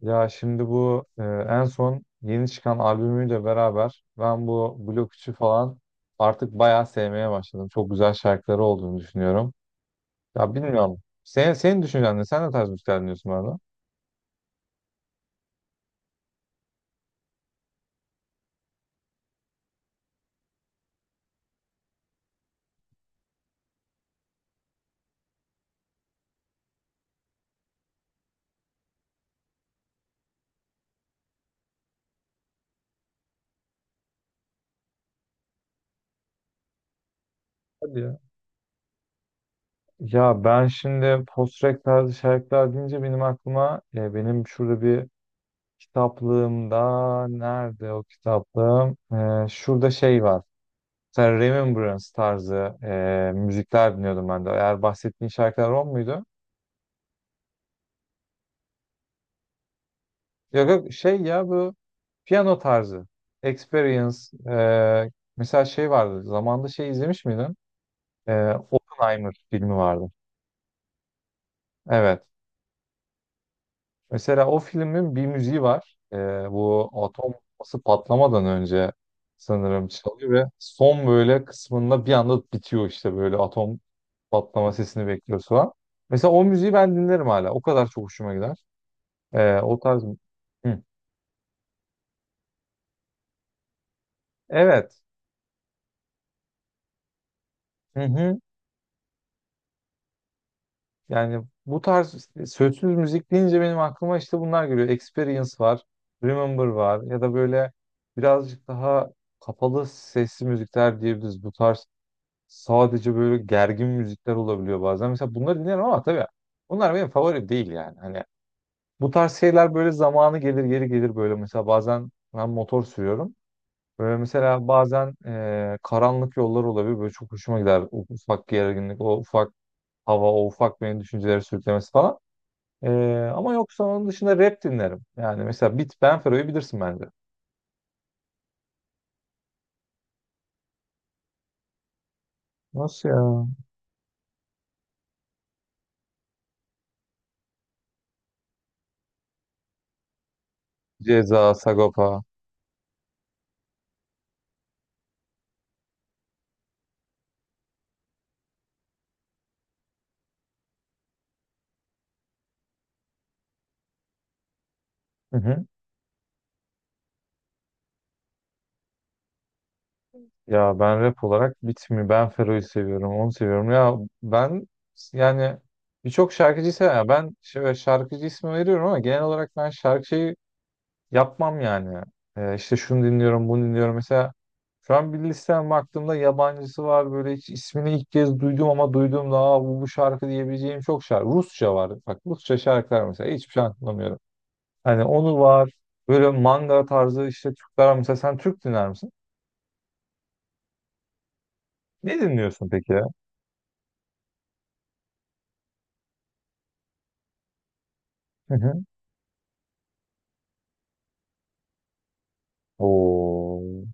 Ya şimdi bu en son yeni çıkan albümüyle beraber ben bu Blok 3'ü falan artık bayağı sevmeye başladım. Çok güzel şarkıları olduğunu düşünüyorum. Ya bilmiyorum. Senin düşüncen ne? Sen ne tarz müzikler dinliyorsun bu arada? Hadi ya. Ya ben şimdi post-rock tarzı şarkılar deyince benim aklıma benim şurada bir kitaplığımda nerede o kitaplığım? Şurada şey var. Mesela Remembrance tarzı müzikler dinliyordum ben de. Eğer bahsettiğin şarkılar o muydu? Yok yok şey ya bu piyano tarzı. Experience. eee, mesela şey vardı. Zamanında şey izlemiş miydin? Oppenheimer filmi vardı. Evet. Mesela o filmin bir müziği var. Bu atom bombası patlamadan önce sanırım çalıyor ve son böyle kısmında bir anda bitiyor işte böyle atom patlama sesini bekliyoruz falan. Mesela o müziği ben dinlerim hala. O kadar çok hoşuma gider. O tarz. Hı. Evet. Hı hı. Yani bu tarz işte, sözsüz müzik deyince benim aklıma işte bunlar geliyor. Experience var, Remember var ya da böyle birazcık daha kapalı sesli müzikler diyebiliriz. Bu tarz sadece böyle gergin müzikler olabiliyor bazen. Mesela bunları dinlerim ama tabii bunlar benim favori değil yani. Hani bu tarz şeyler böyle zamanı gelir geri gelir böyle mesela bazen ben motor sürüyorum. Böyle mesela bazen karanlık yollar olabilir. Böyle çok hoşuma gider. O ufak gerginlik, o ufak hava, o ufak benim düşünceleri sürüklemesi falan. Ee, ama yoksa onun dışında rap dinlerim. Yani mesela Bit Benfero'yu bilirsin bence. Nasıl ya? Ceza, Sagopa. Hı hı. Ya ben rap olarak Bit mi Benfero'yu seviyorum, onu seviyorum. Ya ben yani birçok şarkıcı seviyorum. Ya ben şöyle şarkıcı ismi veriyorum ama genel olarak ben şarkıcıyı yapmam yani. İşte şunu dinliyorum, bunu dinliyorum. Mesela şu an bir listem baktığımda yabancısı var böyle hiç ismini ilk kez duydum ama duyduğumda aa, bu şarkı diyebileceğim çok şarkı. Rusça var. Bak Rusça şarkılar mesela hiçbir şey anlamıyorum. Hani onu var. Böyle manga tarzı işte Türkler var. Mesela sen Türk dinler misin? Ne dinliyorsun peki ya? Hı hı. Oo.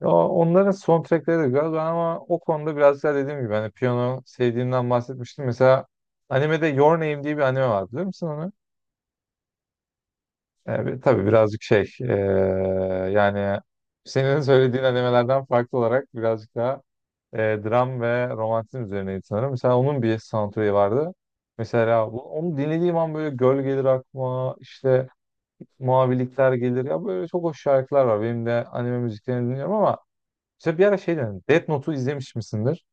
Ya onların soundtrackleri de güzel. Ben ama o konuda biraz daha dediğim gibi hani piyano sevdiğimden bahsetmiştim. Mesela animede Your Name diye bir anime var biliyor musun onu? Tabii birazcık şey yani senin söylediğin animelerden farklı olarak birazcık daha dram ve romantizm üzerineydi sanırım. Mesela onun bir soundtrack'i vardı. Mesela onu dinlediğim an böyle göl gelir aklıma işte mavilikler gelir ya böyle çok hoş şarkılar var. Benim de anime müziklerini dinliyorum ama mesela bir ara şey dedim. Death Note'u izlemiş misindir?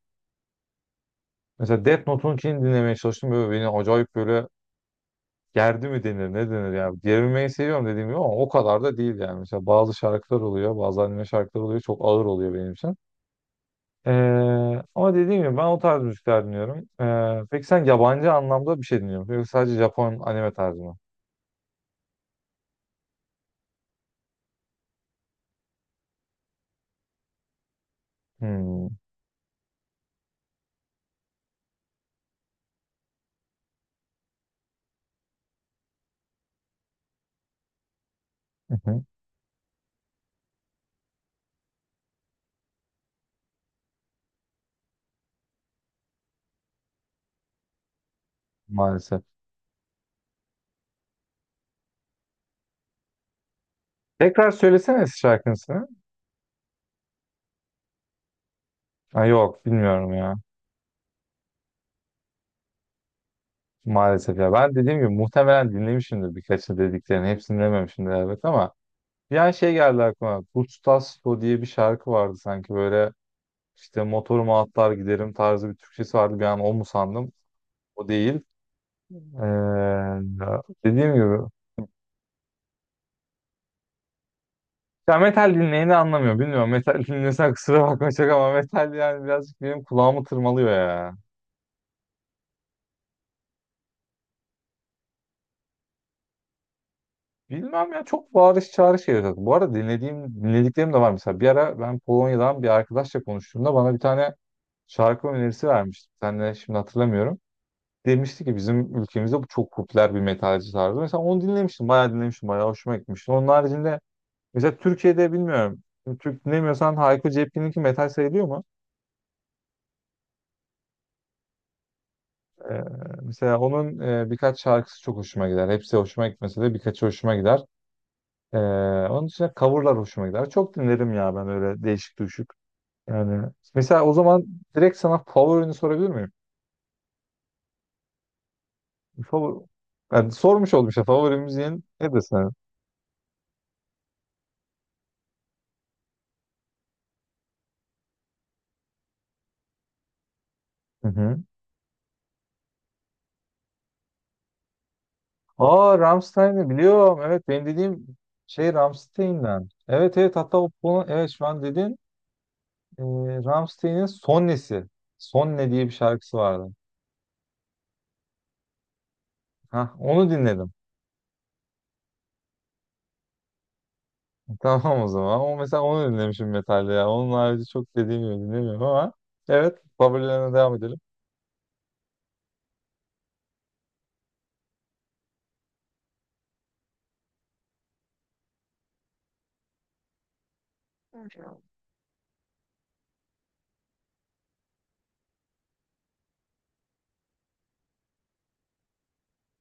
Mesela Death Note'un için dinlemeye çalıştım. Böyle beni acayip böyle gerdi mi denir ne denir ya. Gerilmeyi seviyorum dediğim gibi ama o kadar da değil yani. Mesela bazı şarkılar oluyor bazı anime şarkılar oluyor çok ağır oluyor benim için. Ee, ama dediğim gibi ben o tarz müzikler dinliyorum. Peki sen yabancı anlamda bir şey dinliyor musun? Yoksa sadece Japon anime tarzı mı? Hmm, hı hı. Maalesef. Tekrar söylesene eski şarkısını. Ha, yok bilmiyorum ya. Maalesef ya. Ben dediğim gibi muhtemelen dinlemişimdir birkaçını dediklerini. Hepsini dinlememişimdir elbet ama. Yani şey geldi aklıma. Gustav diye bir şarkı vardı sanki böyle. İşte motoruma atlar giderim tarzı bir Türkçesi vardı. Bir an o mu sandım? O değil. Ee, dediğim gibi. Ya metal dinleyeni anlamıyor. Bilmiyorum metal dinlesen kusura bakma çok ama metal yani birazcık benim kulağımı tırmalıyor ya. Bilmem ya çok bağırış çağrış geliyor zaten. Bu arada dinlediğim, dinlediklerim de var. Mesela bir ara ben Polonya'dan bir arkadaşla konuştuğumda bana bir tane şarkı önerisi vermişti. Sen de şimdi hatırlamıyorum. Demişti ki bizim ülkemizde bu çok popüler bir metalci tarzı. Mesela onu dinlemiştim. Bayağı dinlemiştim. Bayağı hoşuma gitmişti. Onun haricinde mesela Türkiye'de bilmiyorum. Türk dinlemiyorsan Hayko Cepkin'inki metal sayılıyor mu? Ee, mesela onun birkaç şarkısı çok hoşuma gider. Hepsi hoşuma gitmese de birkaçı hoşuma gider. Ee, onun dışında coverlar hoşuma gider. Çok dinlerim ya ben öyle değişik düşük. Yani mesela o zaman direkt sana favorini sorabilir miyim? Favori. Yani sormuş oldum işte favori müziğin nedir senin? Hı hı. Aa Rammstein'i biliyorum. Evet benim dediğim şey Rammstein'den. Evet evet, hatta o bunu, evet, şu an dedin. Ee, Rammstein'in Sonnesi. Sonne diye bir şarkısı vardı. Hah, onu dinledim. Tamam o zaman. O mesela onu dinlemişim metalde ya. Onun harici çok dediğim gibi dinlemiyorum ama, evet, favorilerine devam edelim.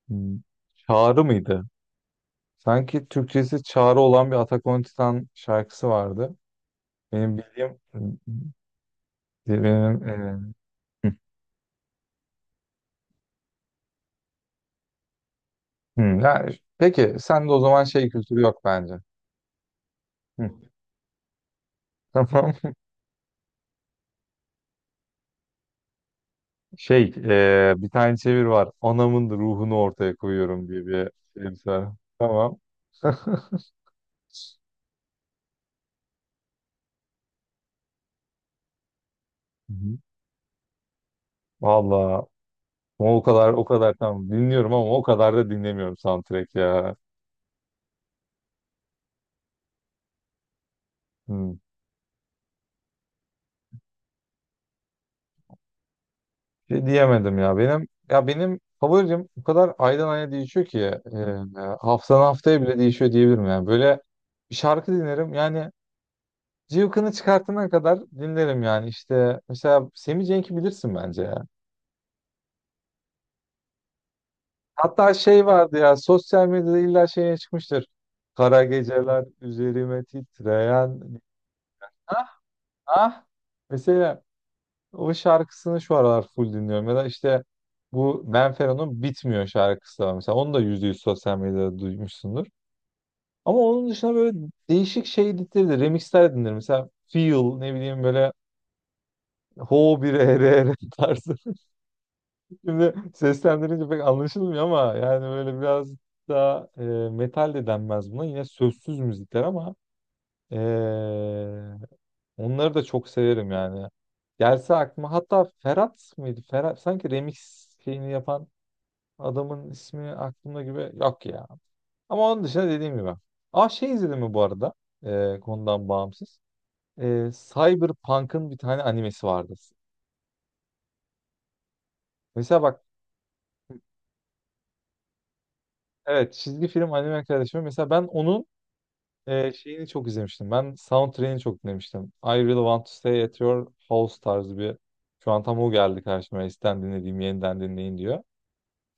Hmm, Çağrı mıydı? Sanki Türkçesi Çağrı olan bir Attack on Titan şarkısı vardı. Benim bildiğim benim hı, hı. Ya, peki sen de o zaman şey kültürü yok bence. Hı. Tamam. Şey, bir tane çevir var. Anamın ruhunu ortaya koyuyorum diye bir şey bir. Tamam. Hı hı. Vallahi o kadar o kadar tam dinliyorum ama o kadar da dinlemiyorum soundtrack ya. Hmm. Şey diyemedim ya. Benim ya benim favorim o kadar aydan aya değişiyor ki haftadan haftaya bile değişiyor diyebilirim yani. Böyle bir şarkı dinlerim yani cıvkını çıkartana kadar dinlerim yani işte mesela Semih Cenk'i bilirsin bence ya. Hatta şey vardı ya sosyal medyada illa şeye çıkmıştır. Kara geceler üzerime titreyen. Ah ah. Mesela o şarkısını şu aralar full dinliyorum. Ya da işte bu Benfero'nun Bitmiyor şarkısı var. Mesela onu da %100 sosyal medyada duymuşsundur. Ama onun dışında böyle değişik şey dinleri de remixler dinlerim. Mesela Feel ne bileyim böyle Ho bir ere ere tarzı. Şimdi seslendirince pek anlaşılmıyor ama yani böyle biraz daha metal de denmez buna. Yine sözsüz müzikler ama e, onları da çok severim yani. Gelse aklıma hatta Ferhat mıydı? Ferhat sanki remix şeyini yapan adamın ismi aklımda gibi yok ya. Ama onun dışında dediğim gibi. Aa şey izledim mi bu arada? Konudan bağımsız. Cyberpunk'ın bir tane animesi vardı. Mesela bak, evet, çizgi film anime kardeşim. Mesela ben onun şeyini çok izlemiştim. Ben soundtrack'ini çok dinlemiştim. I Really Want to Stay at Your House tarzı bir. Şu an tam o geldi karşıma. Eskiden dinlediğim yeniden dinleyin diyor.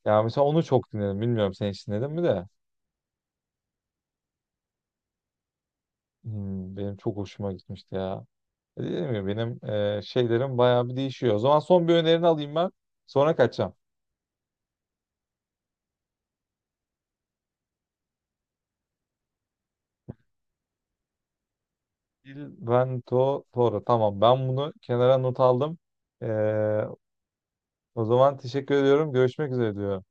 Ya mesela onu çok dinledim. Bilmiyorum sen hiç dinledin mi de. Benim çok hoşuma gitmişti ya. Dedim ya benim şeylerim bayağı bir değişiyor. O zaman son bir önerini alayım ben. Sonra kaçacağım. Il Vento Toro. Tamam ben bunu kenara not aldım. Ee, o zaman teşekkür ediyorum. Görüşmek üzere diyorum.